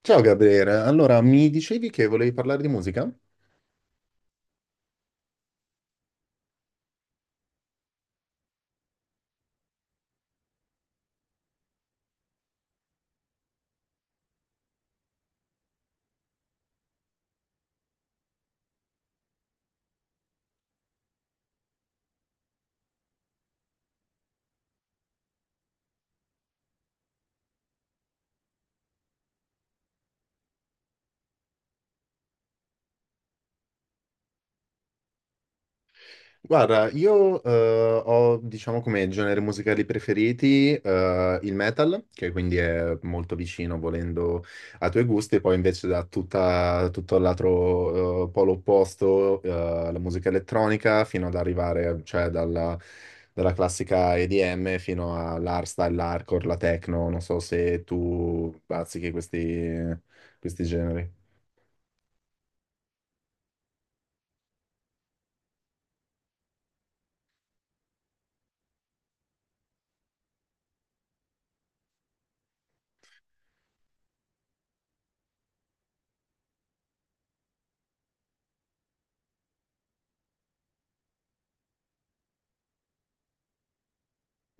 Ciao Gabriele, allora mi dicevi che volevi parlare di musica? Guarda, io ho diciamo come generi musicali preferiti il metal, che quindi è molto vicino volendo ai tuoi gusti, poi invece da tutto l'altro polo opposto, la musica elettronica, fino ad arrivare cioè dalla classica EDM fino all'hardstyle, l'hardcore, la techno, non so se tu bazzichi questi generi.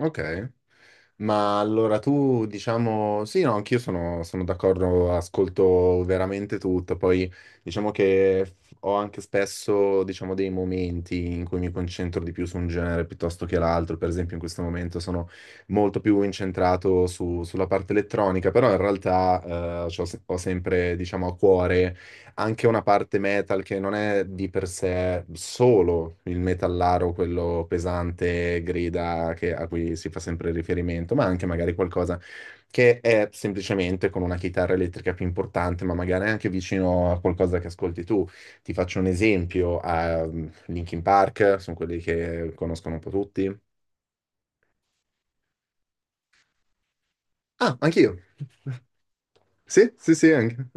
Ok. Ma allora tu, diciamo, sì, no, anch'io sono d'accordo, ascolto veramente tutto, poi diciamo che ho anche spesso, diciamo, dei momenti in cui mi concentro di più su un genere piuttosto che l'altro, per esempio in questo momento sono molto più incentrato sulla parte elettronica, però in realtà c'ho se- ho sempre, diciamo, a cuore anche una parte metal che non è di per sé solo il metallaro, quello pesante, grida a cui si fa sempre riferimento, ma anche magari qualcosa che è semplicemente con una chitarra elettrica più importante, ma magari anche vicino a qualcosa che ascolti tu. Ti faccio un esempio, Linkin Park, sono quelli che conoscono un po' tutti. Ah, anch'io. Sì, sì, sì, anche.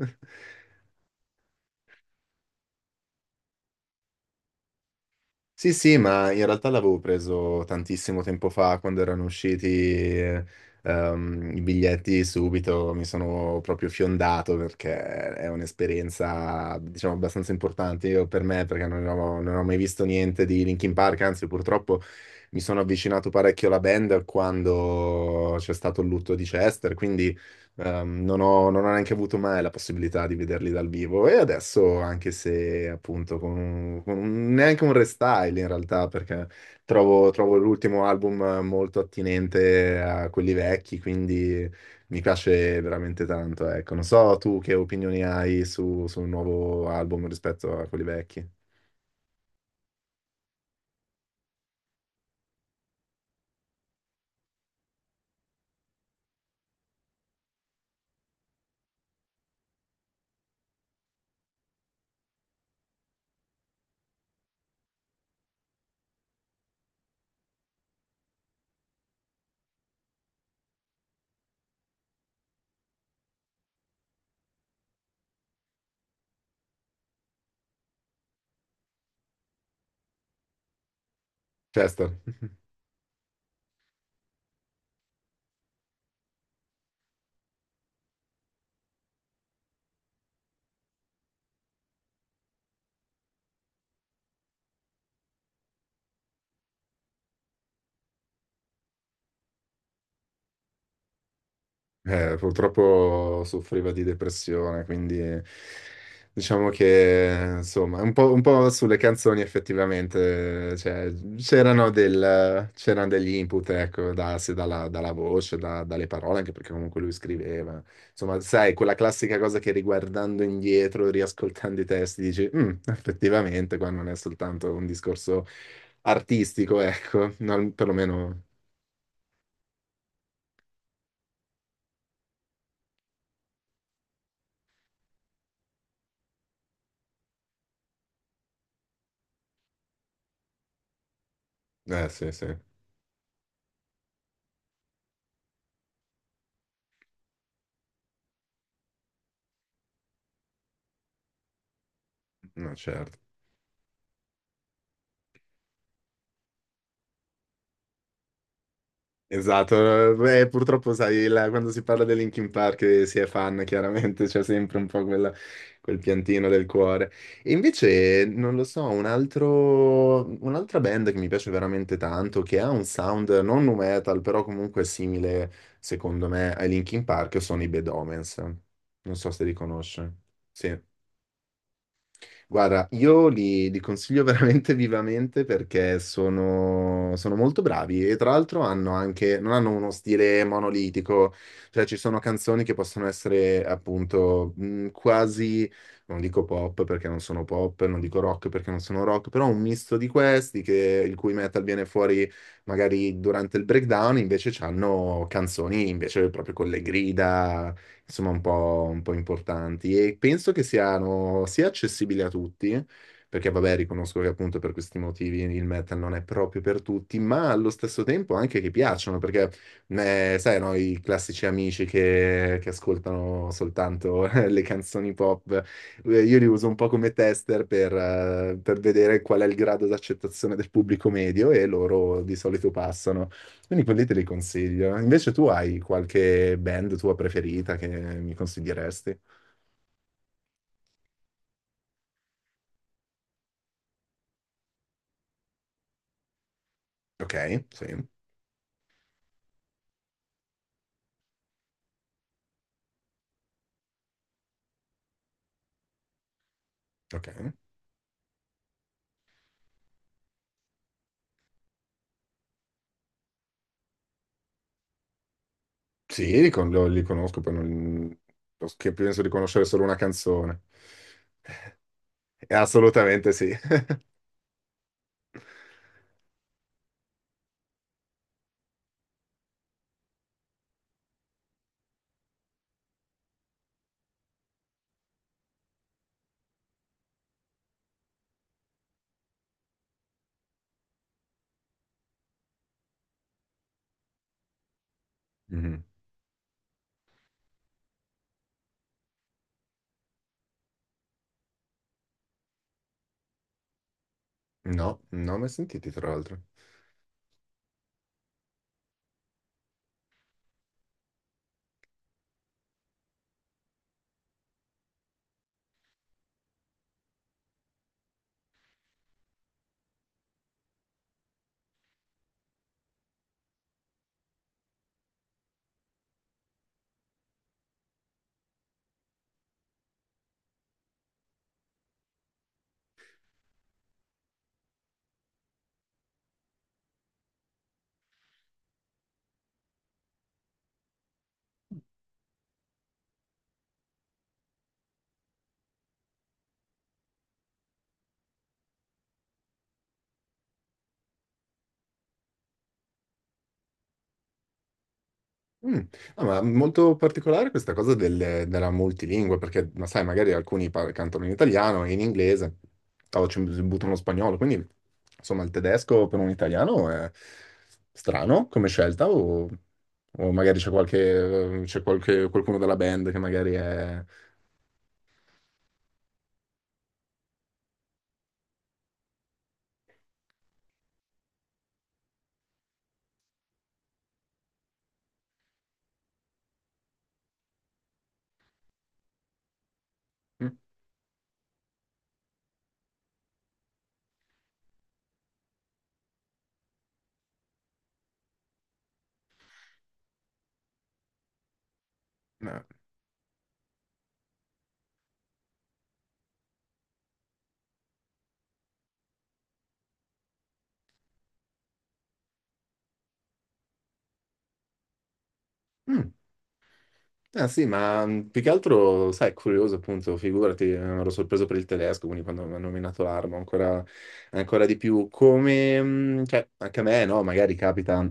Sì, sì, ma in realtà l'avevo preso tantissimo tempo fa, quando erano usciti i biglietti subito, mi sono proprio fiondato perché è un'esperienza, diciamo, abbastanza importante io, per me, perché non ho mai visto niente di Linkin Park, anzi, purtroppo mi sono avvicinato parecchio alla band quando c'è stato il lutto di Chester, quindi. Non ho neanche avuto mai la possibilità di vederli dal vivo e adesso, anche se appunto con neanche un restyle in realtà, perché trovo l'ultimo album molto attinente a quelli vecchi, quindi mi piace veramente tanto. Ecco, non so tu che opinioni hai sul nuovo album rispetto a quelli vecchi. Chester. Purtroppo soffriva di depressione, quindi diciamo che insomma, un po' sulle canzoni effettivamente, cioè, c'erano degli input, ecco, da- se dalla, dalla voce, dalle parole, anche perché comunque lui scriveva. Insomma, sai, quella classica cosa che riguardando indietro, riascoltando i testi, dici, "Mm, effettivamente, qua non è soltanto un discorso artistico, ecco, non, perlomeno..." Eh sì, sì, no, certo. Esatto, purtroppo sai, quando si parla di Linkin Park si è fan, chiaramente c'è sempre un po' quel piantino del cuore. E invece, non lo so, un'altra band che mi piace veramente tanto, che ha un sound non nu metal, però comunque simile, secondo me, ai Linkin Park, sono i Bad Omens. Non so se li conosci. Sì. Guarda, li consiglio veramente vivamente perché sono molto bravi e tra l'altro hanno anche, non hanno uno stile monolitico, cioè ci sono canzoni che possono essere appunto quasi, non dico pop perché non sono pop, non dico rock perché non sono rock, però un misto di questi che, il cui metal viene fuori magari durante il breakdown, invece hanno canzoni invece proprio con le grida insomma un po' importanti e penso che siano sia accessibili a tutti, perché vabbè riconosco che appunto per questi motivi il metal non è proprio per tutti, ma allo stesso tempo anche che piacciono, perché sai, no, i classici amici che ascoltano soltanto le canzoni pop, io li uso un po' come tester per vedere qual è il grado d'accettazione del pubblico medio e loro di solito passano. Quindi quelli te li consiglio. Invece tu hai qualche band tua preferita che mi consiglieresti? Ok, sì, ok. Sì, li conosco, poi non... che penso di conoscere solo una canzone. Assolutamente sì. Mhm. No, non ho mai sentiti, tra l'altro. Mm. No, ma molto particolare questa cosa della multilingua, perché ma sai, magari alcuni cantano in italiano e in inglese, o ci buttano lo spagnolo, quindi insomma il tedesco per un italiano è strano come scelta, o magari qualcuno della band che magari è... Mm, no. Mm. Ah sì, ma più che altro, sai, è curioso appunto, figurati, ero sorpreso per il tedesco, quindi quando mi hanno nominato l'arma, ancora di più, come, cioè, anche a me, no, magari capita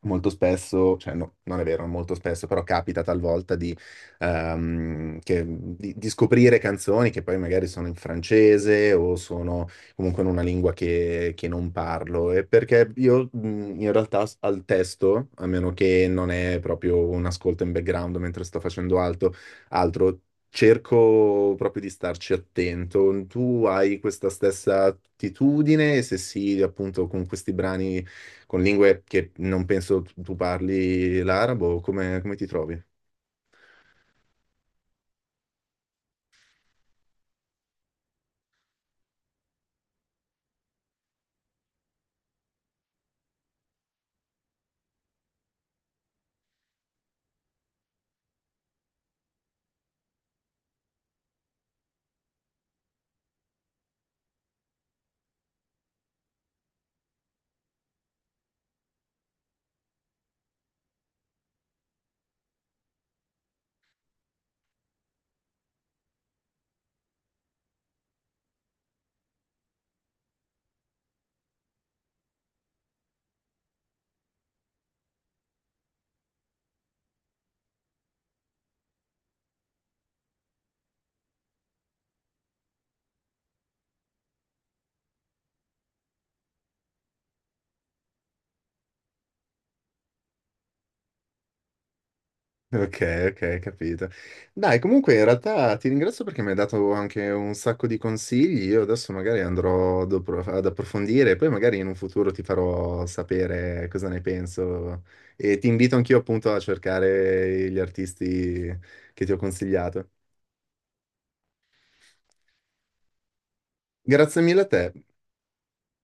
molto spesso, cioè no, non è vero, non molto spesso, però capita talvolta di, di scoprire canzoni che poi magari sono in francese o sono comunque in una lingua che non parlo. E perché io in realtà al testo, a meno che non è proprio un ascolto in background mentre sto facendo altro, cerco proprio di starci attento. Tu hai questa stessa attitudine? E se sì, appunto con questi brani con lingue che non penso tu parli l'arabo, come ti trovi? Ok, ok, capito. Dai, comunque in realtà ti ringrazio perché mi hai dato anche un sacco di consigli. Io adesso magari andrò ad approfondire e poi magari in un futuro ti farò sapere cosa ne penso. E ti invito anch'io appunto a cercare gli artisti che ti ho consigliato. Grazie mille a te.